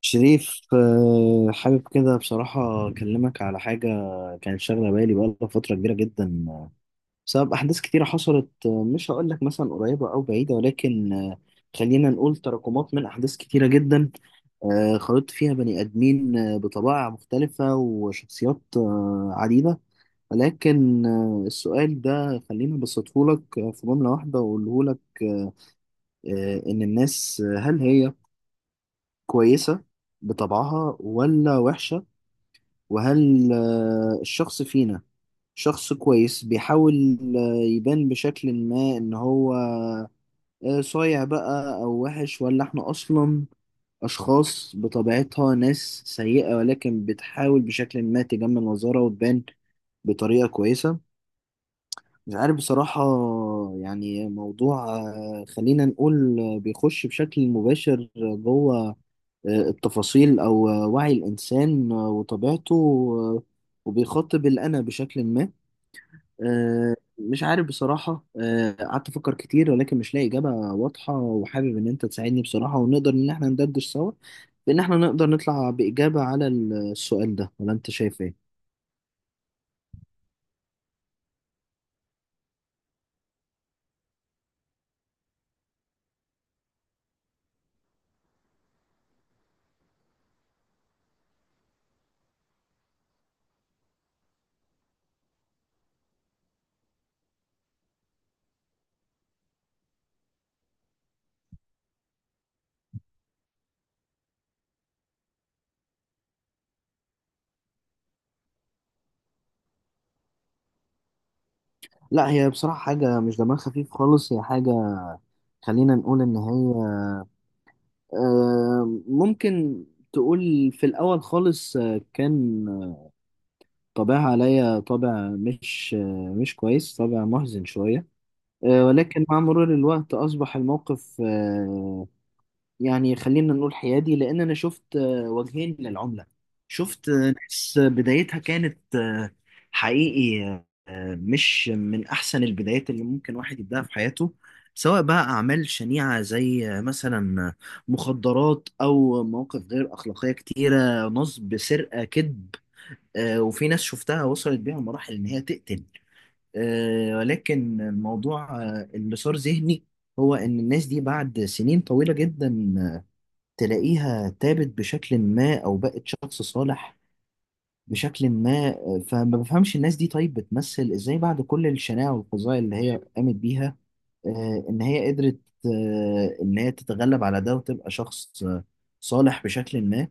شريف، حابب كده بصراحة أكلمك على حاجة كانت شاغلة بالي بقالها فترة كبيرة جدا بسبب أحداث كتيرة حصلت، مش هقول لك مثلا قريبة أو بعيدة، ولكن خلينا نقول تراكمات من أحداث كتيرة جدا، خلطت فيها بني آدمين بطبائع مختلفة وشخصيات عديدة. ولكن السؤال ده خليني أبسطه لك في جملة واحدة وأقوله لك، إن الناس، هل هي كويسة بطبعها ولا وحشة؟ وهل الشخص فينا شخص كويس بيحاول يبان بشكل ما ان هو صايع بقى او وحش، ولا احنا اصلا اشخاص بطبيعتها ناس سيئة ولكن بتحاول بشكل ما تجمل مظهرها وتبان بطريقة كويسة؟ مش عارف بصراحة. يعني موضوع خلينا نقول بيخش بشكل مباشر جوه التفاصيل أو وعي الإنسان وطبيعته، وبيخاطب الأنا بشكل ما. مش عارف بصراحة، قعدت أفكر كتير ولكن مش لاقي إجابة واضحة، وحابب إن أنت تساعدني بصراحة ونقدر إن إحنا ندردش سوا، بإن إحنا نقدر نطلع بإجابة على السؤال ده. ولا أنت شايف إيه؟ لا، هي بصراحة حاجة مش دماغ خفيف خالص. هي حاجة خلينا نقول إن هي ممكن تقول في الأول خالص كان طابعها عليا طابع مش كويس، طابع محزن شوية. ولكن مع مرور الوقت أصبح الموقف يعني خلينا نقول حيادي، لأن أنا شفت وجهين للعملة. شفت ناس بدايتها كانت حقيقي مش من أحسن البدايات اللي ممكن واحد يبدأها في حياته، سواء بقى أعمال شنيعة زي مثلا مخدرات أو مواقف غير أخلاقية كتيرة، نصب، سرقة، كذب. وفي ناس شفتها وصلت بيها مراحل إن هي تقتل. ولكن الموضوع اللي صار ذهني هو إن الناس دي بعد سنين طويلة جدا تلاقيها تابت بشكل ما أو بقت شخص صالح بشكل ما. فما بفهمش الناس دي طيب بتمثل إزاي بعد كل الشناعة والقضايا اللي هي قامت بيها، ان هي قدرت ان هي تتغلب على ده وتبقى شخص صالح بشكل ما.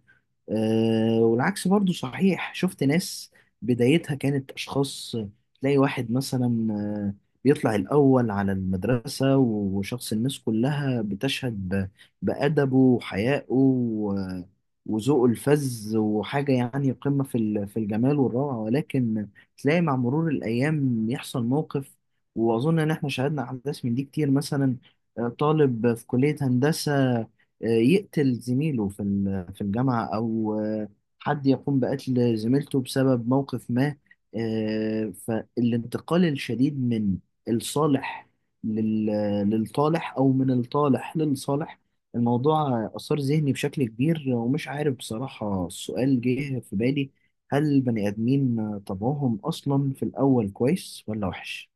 والعكس برضو صحيح، شفت ناس بدايتها كانت اشخاص تلاقي واحد مثلا بيطلع الاول على المدرسة، وشخص الناس كلها بتشهد بأدبه وحيائه وذوقه الفذ، وحاجة يعني قمة في في الجمال والروعة. ولكن تلاقي مع مرور الأيام يحصل موقف. واظن ان احنا شاهدنا احداث من دي كتير، مثلا طالب في كليه هندسه آه، يقتل زميله في في الجامعه، او حد يقوم بقتل زميلته بسبب موقف ما. فالانتقال الشديد من الصالح لل- للطالح، او من الطالح للصالح، الموضوع اثار ذهني بشكل كبير. ومش عارف بصراحه، السؤال جه في بالي: هل البني ادمين طبعهم اصلا في الاول كويس ولا وحش؟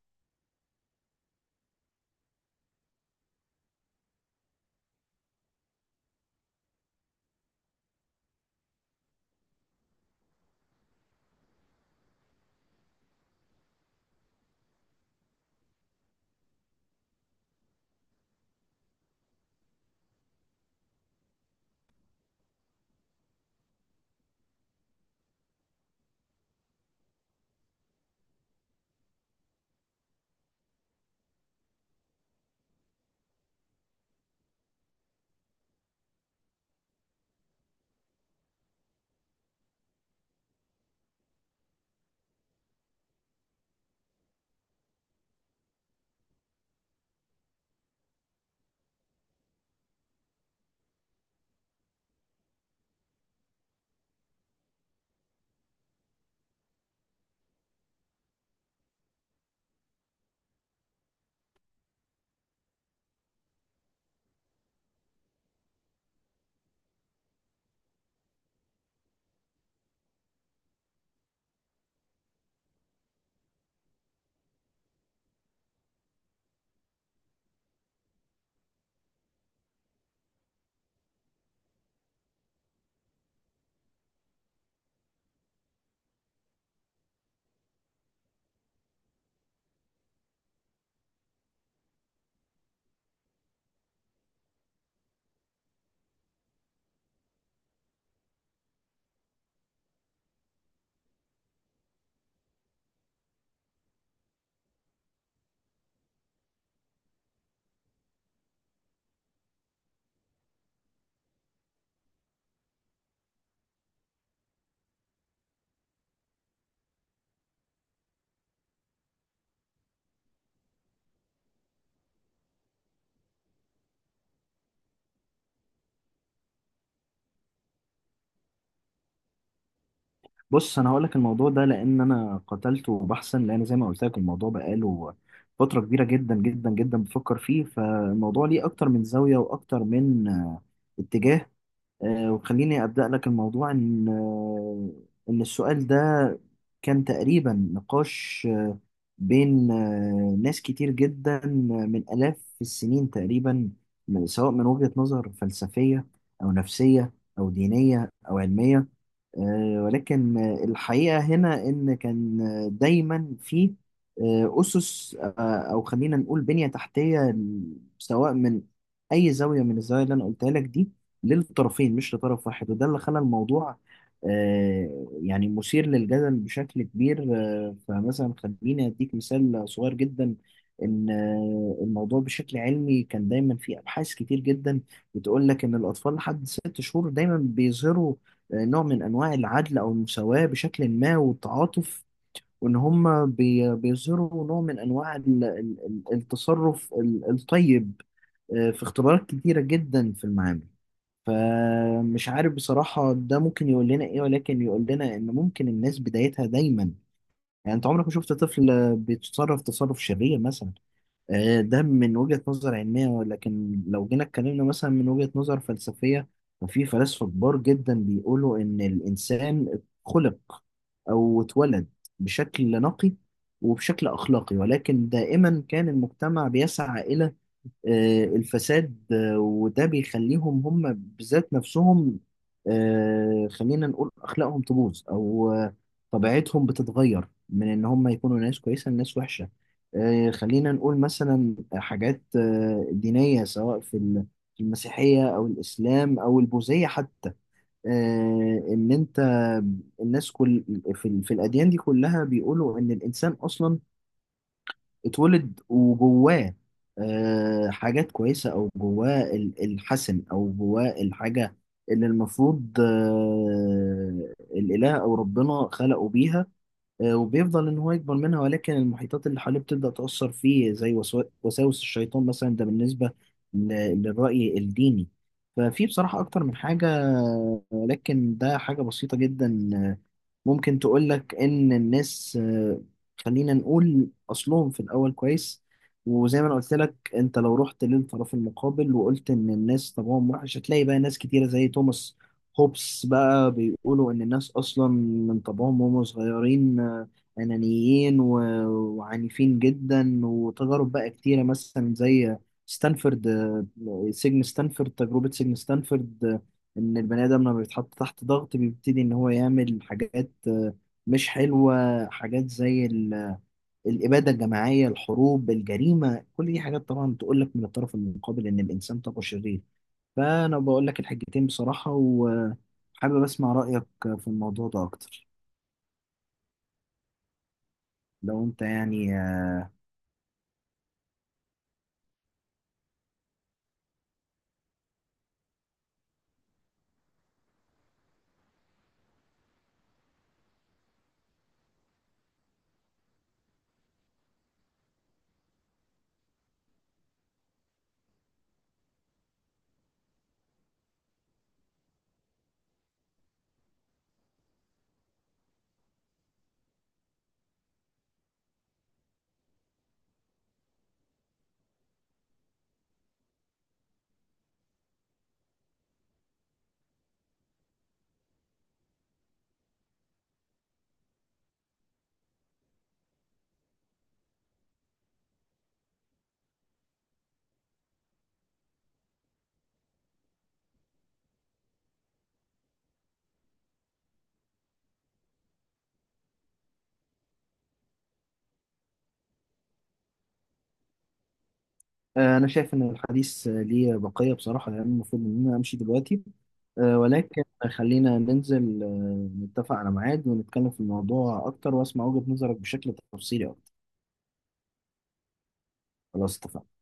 بص انا هقول لك الموضوع ده، لان انا قتلته بحثا. لان زي ما قلت لك الموضوع بقاله فتره كبيره جدا جدا جدا بفكر فيه. فالموضوع ليه اكتر من زاويه واكتر من اتجاه. وخليني ابدا لك الموضوع ان السؤال ده كان تقريبا نقاش بين ناس كتير جدا من الاف السنين تقريبا، سواء من وجهه نظر فلسفيه، او نفسيه، او دينيه، او علميه. ولكن الحقيقة هنا إن كان دايما في أسس أو خلينا نقول بنية تحتية سواء من أي زاوية من الزوايا اللي أنا قلتها لك دي، للطرفين مش لطرف واحد. وده اللي خلى الموضوع يعني مثير للجدل بشكل كبير. فمثلا خليني أديك مثال صغير جدا، إن الموضوع بشكل علمي كان دايما في أبحاث كتير جدا بتقول لك إن الأطفال لحد 6 شهور دايما بيظهروا نوع من انواع العدل او المساواه بشكل ما والتعاطف، وان هم بيظهروا نوع من انواع التصرف الطيب في اختبارات كتيره جدا في المعامل. فمش عارف بصراحه ده ممكن يقول لنا ايه، ولكن يقول لنا ان ممكن الناس بدايتها دايما، يعني انت عمرك ما شفت طفل بيتصرف تصرف شرير مثلا. ده من وجهة نظر علمية. ولكن لو جينا اتكلمنا مثلا من وجهة نظر فلسفية، ففي فلاسفة كبار جدا بيقولوا إن الإنسان خلق أو اتولد بشكل نقي وبشكل أخلاقي، ولكن دائما كان المجتمع بيسعى إلى الفساد، وده بيخليهم هم بذات نفسهم خلينا نقول أخلاقهم تبوظ، أو طبيعتهم بتتغير من إن هم يكونوا ناس كويسة لناس وحشة. خلينا نقول مثلا حاجات دينية، سواء في في المسيحية أو الإسلام أو البوذية حتى، إن أنت الناس كل في الأديان دي كلها بيقولوا إن الإنسان أصلا اتولد وجواه حاجات كويسة، أو جواه الحسن، أو جواه الحاجة اللي المفروض الإله أو ربنا خلقه بيها. وبيفضل إن هو يكبر منها، ولكن المحيطات اللي حواليه بتبدأ تأثر فيه زي وساوس الشيطان مثلا. ده بالنسبة للرأي الديني. ففي بصراحة أكتر من حاجة، ولكن ده حاجة بسيطة جدا ممكن تقولك إن الناس خلينا نقول أصلهم في الأول كويس. وزي ما أنا قلت لك، أنت لو رحت للطرف المقابل وقلت إن الناس طبعهم وحش، هتلاقي بقى ناس كتيرة زي توماس هوبس بقى بيقولوا إن الناس أصلا من طبعهم وهم صغيرين أنانيين وعنيفين جدا. وتجارب بقى كتيرة مثلا زي ستانفورد، سجن ستانفورد، تجربة سجن ستانفورد، ان البني ادم لما بيتحط تحت ضغط بيبتدي ان هو يعمل حاجات مش حلوه، حاجات زي الاباده الجماعيه، الحروب، الجريمه. كل دي حاجات طبعا تقول لك من الطرف المقابل ان الانسان طاقه شرير. فانا بقول لك الحاجتين بصراحه، وحابب اسمع رايك في الموضوع ده اكتر لو انت يعني. أنا شايف إن الحديث ليه بقية بصراحة، يعني المفروض إن أنا أمشي دلوقتي، ولكن خلينا ننزل نتفق على ميعاد ونتكلم في الموضوع أكتر وأسمع وجهة نظرك بشكل تفصيلي أكتر. خلاص اتفقنا.